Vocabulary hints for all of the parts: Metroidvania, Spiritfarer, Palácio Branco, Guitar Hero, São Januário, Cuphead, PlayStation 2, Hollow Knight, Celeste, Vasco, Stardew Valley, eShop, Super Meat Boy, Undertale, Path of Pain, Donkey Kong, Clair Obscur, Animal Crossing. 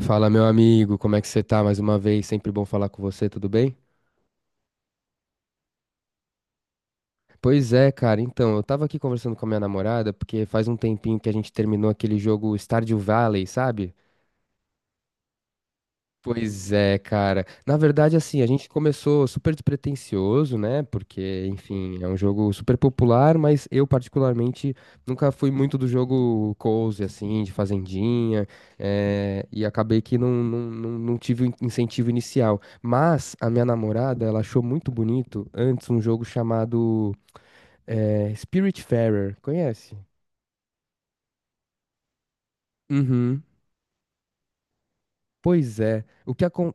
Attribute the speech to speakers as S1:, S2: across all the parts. S1: Fala, meu amigo, como é que você tá? Mais uma vez, sempre bom falar com você, tudo bem? Pois é, cara, então, eu tava aqui conversando com a minha namorada, porque faz um tempinho que a gente terminou aquele jogo Stardew Valley, sabe? Pois é, cara. Na verdade, assim, a gente começou super despretensioso, né? Porque, enfim, é um jogo super popular, mas eu, particularmente, nunca fui muito do jogo cozy, assim, de fazendinha, e acabei que não tive o incentivo inicial. Mas a minha namorada, ela achou muito bonito antes um jogo chamado Spiritfarer. Conhece? Uhum. Pois é. O que acon—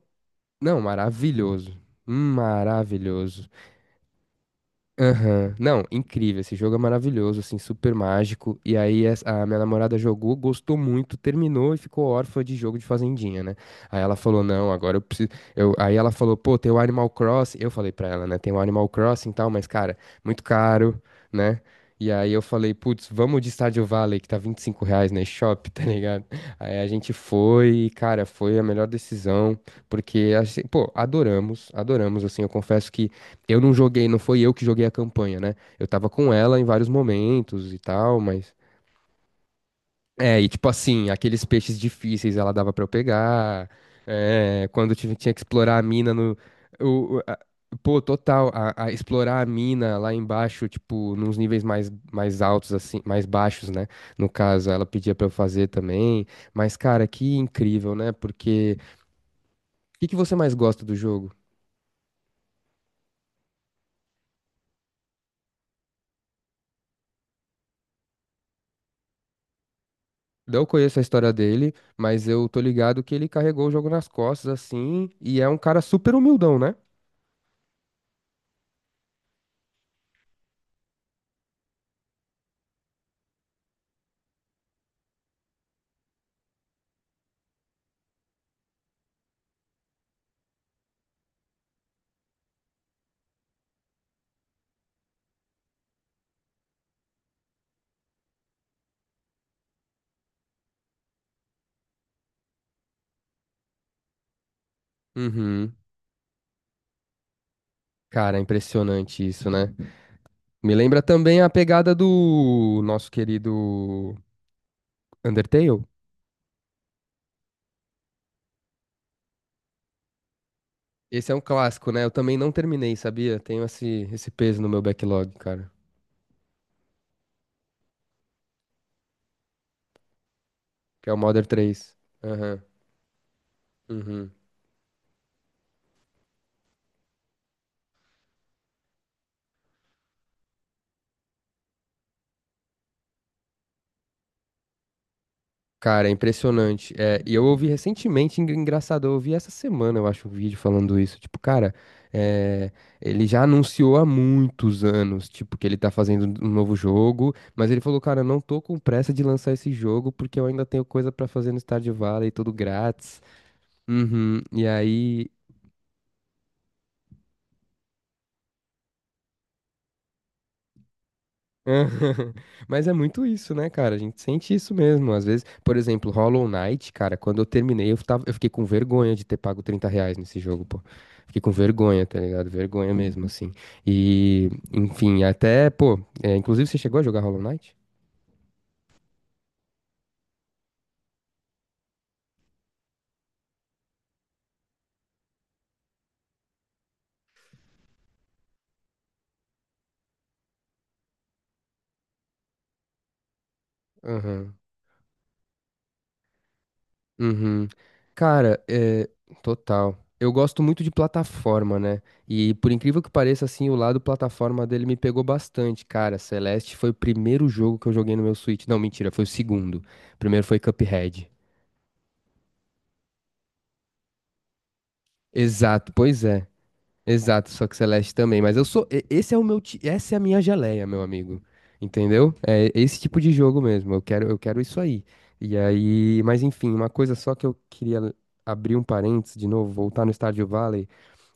S1: Não, maravilhoso. Maravilhoso. Aham. Não, incrível. Esse jogo é maravilhoso, assim, super mágico. E aí a minha namorada jogou, gostou muito, terminou e ficou órfã de jogo de fazendinha, né? Aí ela falou: "Não, agora eu preciso". Eu— Aí ela falou: "Pô, tem o Animal Crossing". Eu falei pra ela, né? Tem o Animal Crossing e tal, mas cara, muito caro, né? E aí eu falei: "Putz, vamos de Stardew Valley, que tá R$ 25 na eShop, tá ligado?". Aí a gente foi e, cara, foi a melhor decisão, porque assim, pô, adoramos, adoramos assim. Eu confesso que eu não joguei, não foi eu que joguei a campanha, né? Eu tava com ela em vários momentos e tal, mas. É, e tipo assim, aqueles peixes difíceis ela dava pra eu pegar. É, quando eu tinha que explorar a mina no. o- o- a- pô, total, a explorar a mina lá embaixo, tipo, nos níveis mais altos, assim, mais baixos, né? No caso, ela pedia pra eu fazer também. Mas, cara, que incrível, né? Porque. O que que você mais gosta do jogo? Não conheço a história dele, mas eu tô ligado que ele carregou o jogo nas costas, assim, e é um cara super humildão, né? Uhum. Cara, impressionante isso, né? Me lembra também a pegada do nosso querido Undertale. Esse é um clássico, né? Eu também não terminei, sabia? Tenho esse peso no meu backlog, cara. Que é o Modern 3. Aham. Uhum. Cara, é impressionante. É, e eu ouvi recentemente, engraçado, eu ouvi essa semana, eu acho, um vídeo falando isso. Tipo, cara, é, ele já anunciou há muitos anos, tipo, que ele tá fazendo um novo jogo, mas ele falou, cara, eu não tô com pressa de lançar esse jogo porque eu ainda tenho coisa pra fazer no Stardew Valley, tudo grátis. Uhum. E aí. Aham. Mas é muito isso, né, cara? A gente sente isso mesmo. Às vezes, por exemplo, Hollow Knight, cara, quando eu terminei, eu fiquei com vergonha de ter pago R$ 30 nesse jogo, pô. Fiquei com vergonha, tá ligado? Vergonha mesmo, assim. E, enfim, até, pô, é, inclusive você chegou a jogar Hollow Knight? Aham. Uhum. Cara, é, total. Eu gosto muito de plataforma, né? E por incrível que pareça, assim, o lado plataforma dele me pegou bastante, cara. Celeste foi o primeiro jogo que eu joguei no meu Switch. Não, mentira, foi o segundo. O primeiro foi Cuphead. Exato, pois é. Exato, só que Celeste também. Mas eu sou. Esse é o meu. Essa é a minha geleia, meu amigo. Entendeu? É esse tipo de jogo mesmo. Eu quero isso aí. E aí. Mas enfim, uma coisa só que eu queria abrir um parênteses de novo, voltar no Stardew Valley.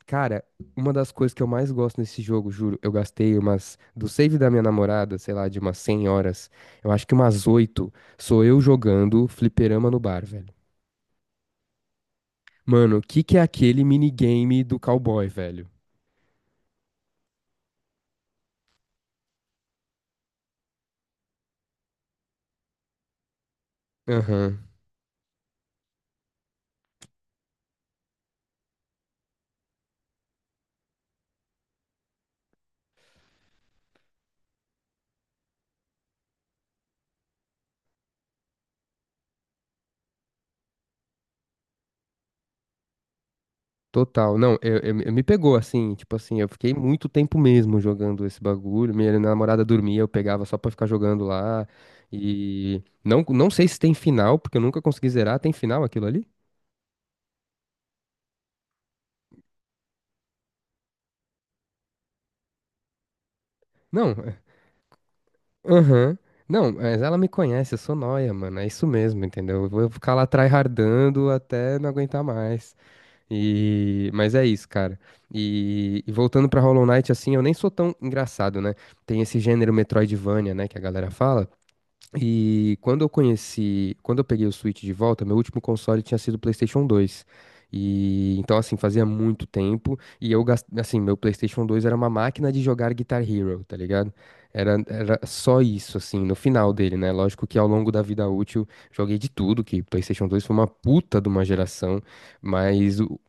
S1: Cara, uma das coisas que eu mais gosto nesse jogo, juro, eu gastei umas, do save da minha namorada, sei lá, de umas 100 horas, eu acho que umas 8 sou eu jogando fliperama no bar, velho. Mano, o que que é aquele minigame do cowboy, velho? Aham, total. Não, eu me pegou assim, tipo assim, eu fiquei muito tempo mesmo jogando esse bagulho, minha namorada dormia, eu pegava só pra ficar jogando lá, e não sei se tem final, porque eu nunca consegui zerar, tem final aquilo ali? Não. Aham. Não, mas ela me conhece, eu sou nóia, mano. É isso mesmo, entendeu? Eu vou ficar lá tryhardando até não aguentar mais. E— Mas é isso, cara. E— e voltando pra Hollow Knight, assim, eu nem sou tão engraçado, né? Tem esse gênero Metroidvania, né, que a galera fala. E quando eu conheci, quando eu peguei o Switch de volta, meu último console tinha sido o PlayStation 2. E então assim, fazia muito tempo e eu assim, meu PlayStation 2 era uma máquina de jogar Guitar Hero, tá ligado? Era só isso assim, no final dele, né? Lógico que ao longo da vida útil joguei de tudo, que PlayStation 2 foi uma puta de uma geração, mas o,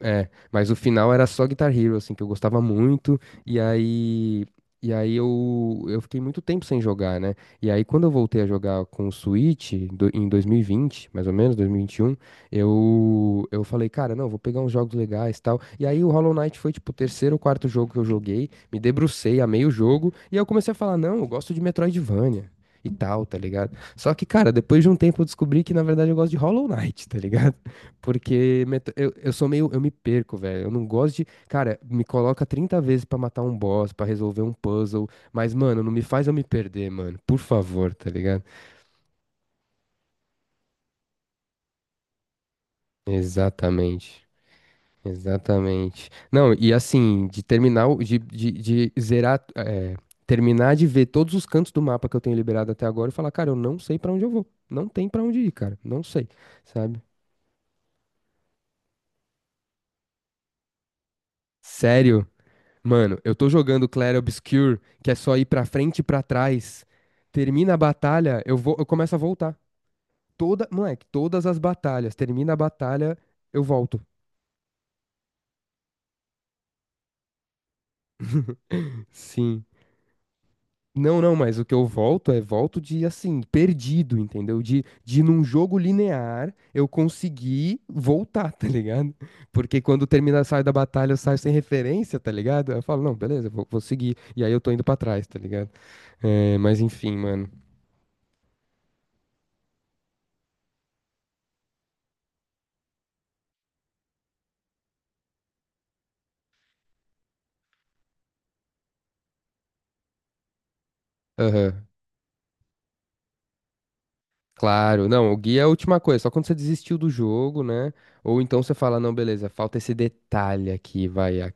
S1: mas o final era só Guitar Hero, assim, que eu gostava muito, e aí, eu fiquei muito tempo sem jogar, né? E aí quando eu voltei a jogar com o Switch, em 2020, mais ou menos, 2021, eu falei, cara, não, vou pegar uns jogos legais e tal. E aí o Hollow Knight foi, tipo, o terceiro ou quarto jogo que eu joguei, me debrucei, amei o jogo, e aí eu comecei a falar, não, eu gosto de Metroidvania. E tal, tá ligado? Só que, cara, depois de um tempo eu descobri que na verdade eu gosto de Hollow Knight, tá ligado? Porque eu sou meio. Eu me perco, velho. Eu não gosto de. Cara, me coloca 30 vezes pra matar um boss, pra resolver um puzzle. Mas, mano, não me faz eu me perder, mano. Por favor, tá ligado? Exatamente. Exatamente. Não, e assim, de terminar. De zerar. É, terminar de ver todos os cantos do mapa que eu tenho liberado até agora e falar, cara, eu não sei pra onde eu vou. Não tem pra onde ir, cara. Não sei, sabe? Sério? Mano, eu tô jogando Clair Obscur, que é só ir pra frente e pra trás. Termina a batalha, eu vou, eu começo a voltar. Moleque, todas as batalhas. Termina a batalha, eu volto. Sim. Não, não, mas o que eu volto é volto de assim, perdido, entendeu? De num jogo linear eu conseguir voltar, tá ligado? Porque quando termina, sai da batalha, eu saio sem referência, tá ligado? Aí eu falo, não, beleza, vou, seguir. E aí eu tô indo pra trás, tá ligado? É, mas enfim, mano. Aham. Claro, não, o guia é a última coisa, só quando você desistiu do jogo, né? Ou então você fala, não, beleza, falta esse detalhe aqui, vai,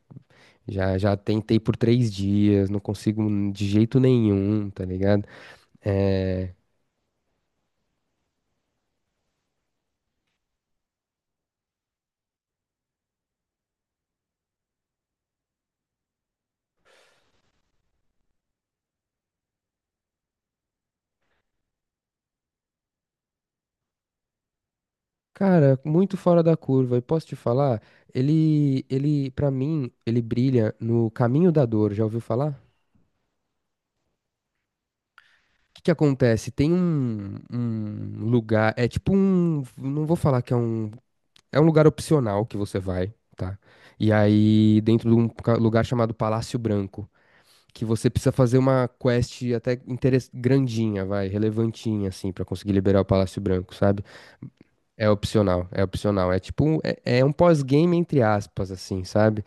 S1: já tentei por 3 dias, não consigo de jeito nenhum, tá ligado? É, cara, muito fora da curva, e posso te falar, ele, para mim, ele brilha no caminho da dor, já ouviu falar? O que que acontece? Tem um lugar, é tipo um, não vou falar que é um. É um lugar opcional que você vai, tá? E aí, dentro de um lugar chamado Palácio Branco que você precisa fazer uma quest até grandinha, vai, relevantinha, assim, pra conseguir liberar o Palácio Branco, sabe? É opcional, é opcional. É tipo, é um pós-game entre aspas, assim, sabe?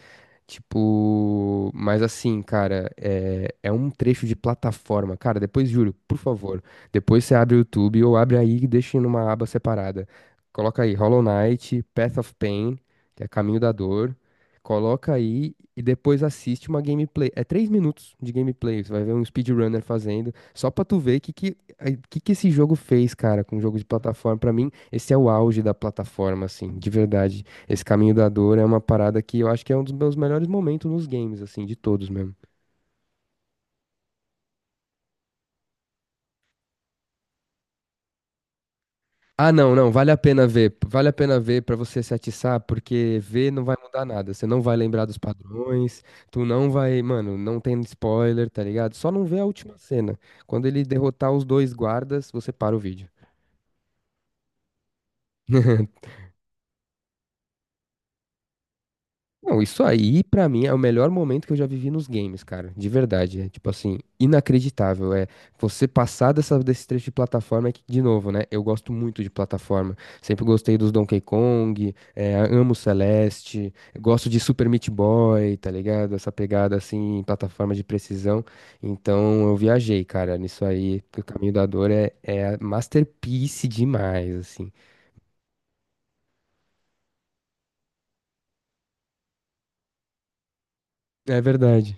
S1: Tipo, mas assim, cara, é um trecho de plataforma. Cara, depois, juro, por favor, depois você abre o YouTube ou abre aí e deixa numa aba separada. Coloca aí Hollow Knight, Path of Pain, que é Caminho da Dor, coloca aí e depois assiste uma gameplay. É 3 minutos de gameplay. Você vai ver um speedrunner fazendo. Só pra tu ver o que que, ai, que esse jogo fez, cara, com o jogo de plataforma. Pra mim, esse é o auge da plataforma, assim, de verdade. Esse caminho da dor é uma parada que eu acho que é um dos meus melhores momentos nos games, assim, de todos mesmo. Ah, não, não, vale a pena ver. Vale a pena ver para você se atiçar, porque ver não vai mudar nada. Você não vai lembrar dos padrões, tu não vai, mano, não tem spoiler, tá ligado? Só não vê a última cena. Quando ele derrotar os dois guardas, você para o vídeo. Não, isso aí, pra mim, é o melhor momento que eu já vivi nos games, cara. De verdade. É, tipo assim, inacreditável. É você passar desse trecho de plataforma é que, de novo, né? Eu gosto muito de plataforma. Sempre gostei dos Donkey Kong, é, amo Celeste, gosto de Super Meat Boy, tá ligado? Essa pegada assim, em plataforma de precisão. Então eu viajei, cara, nisso aí. O Caminho da Dor é masterpiece demais, assim. É verdade.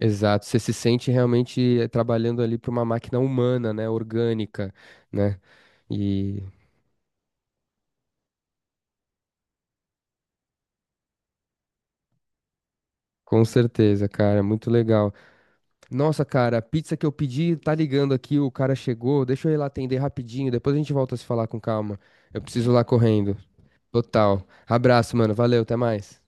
S1: Exato, você se sente realmente trabalhando ali para uma máquina humana, né, orgânica, né? E com certeza, cara, muito legal. Nossa, cara, a pizza que eu pedi tá ligando aqui, o cara chegou. Deixa eu ir lá atender rapidinho, depois a gente volta a se falar com calma. Eu preciso ir lá correndo. Total. Abraço, mano. Valeu, até mais.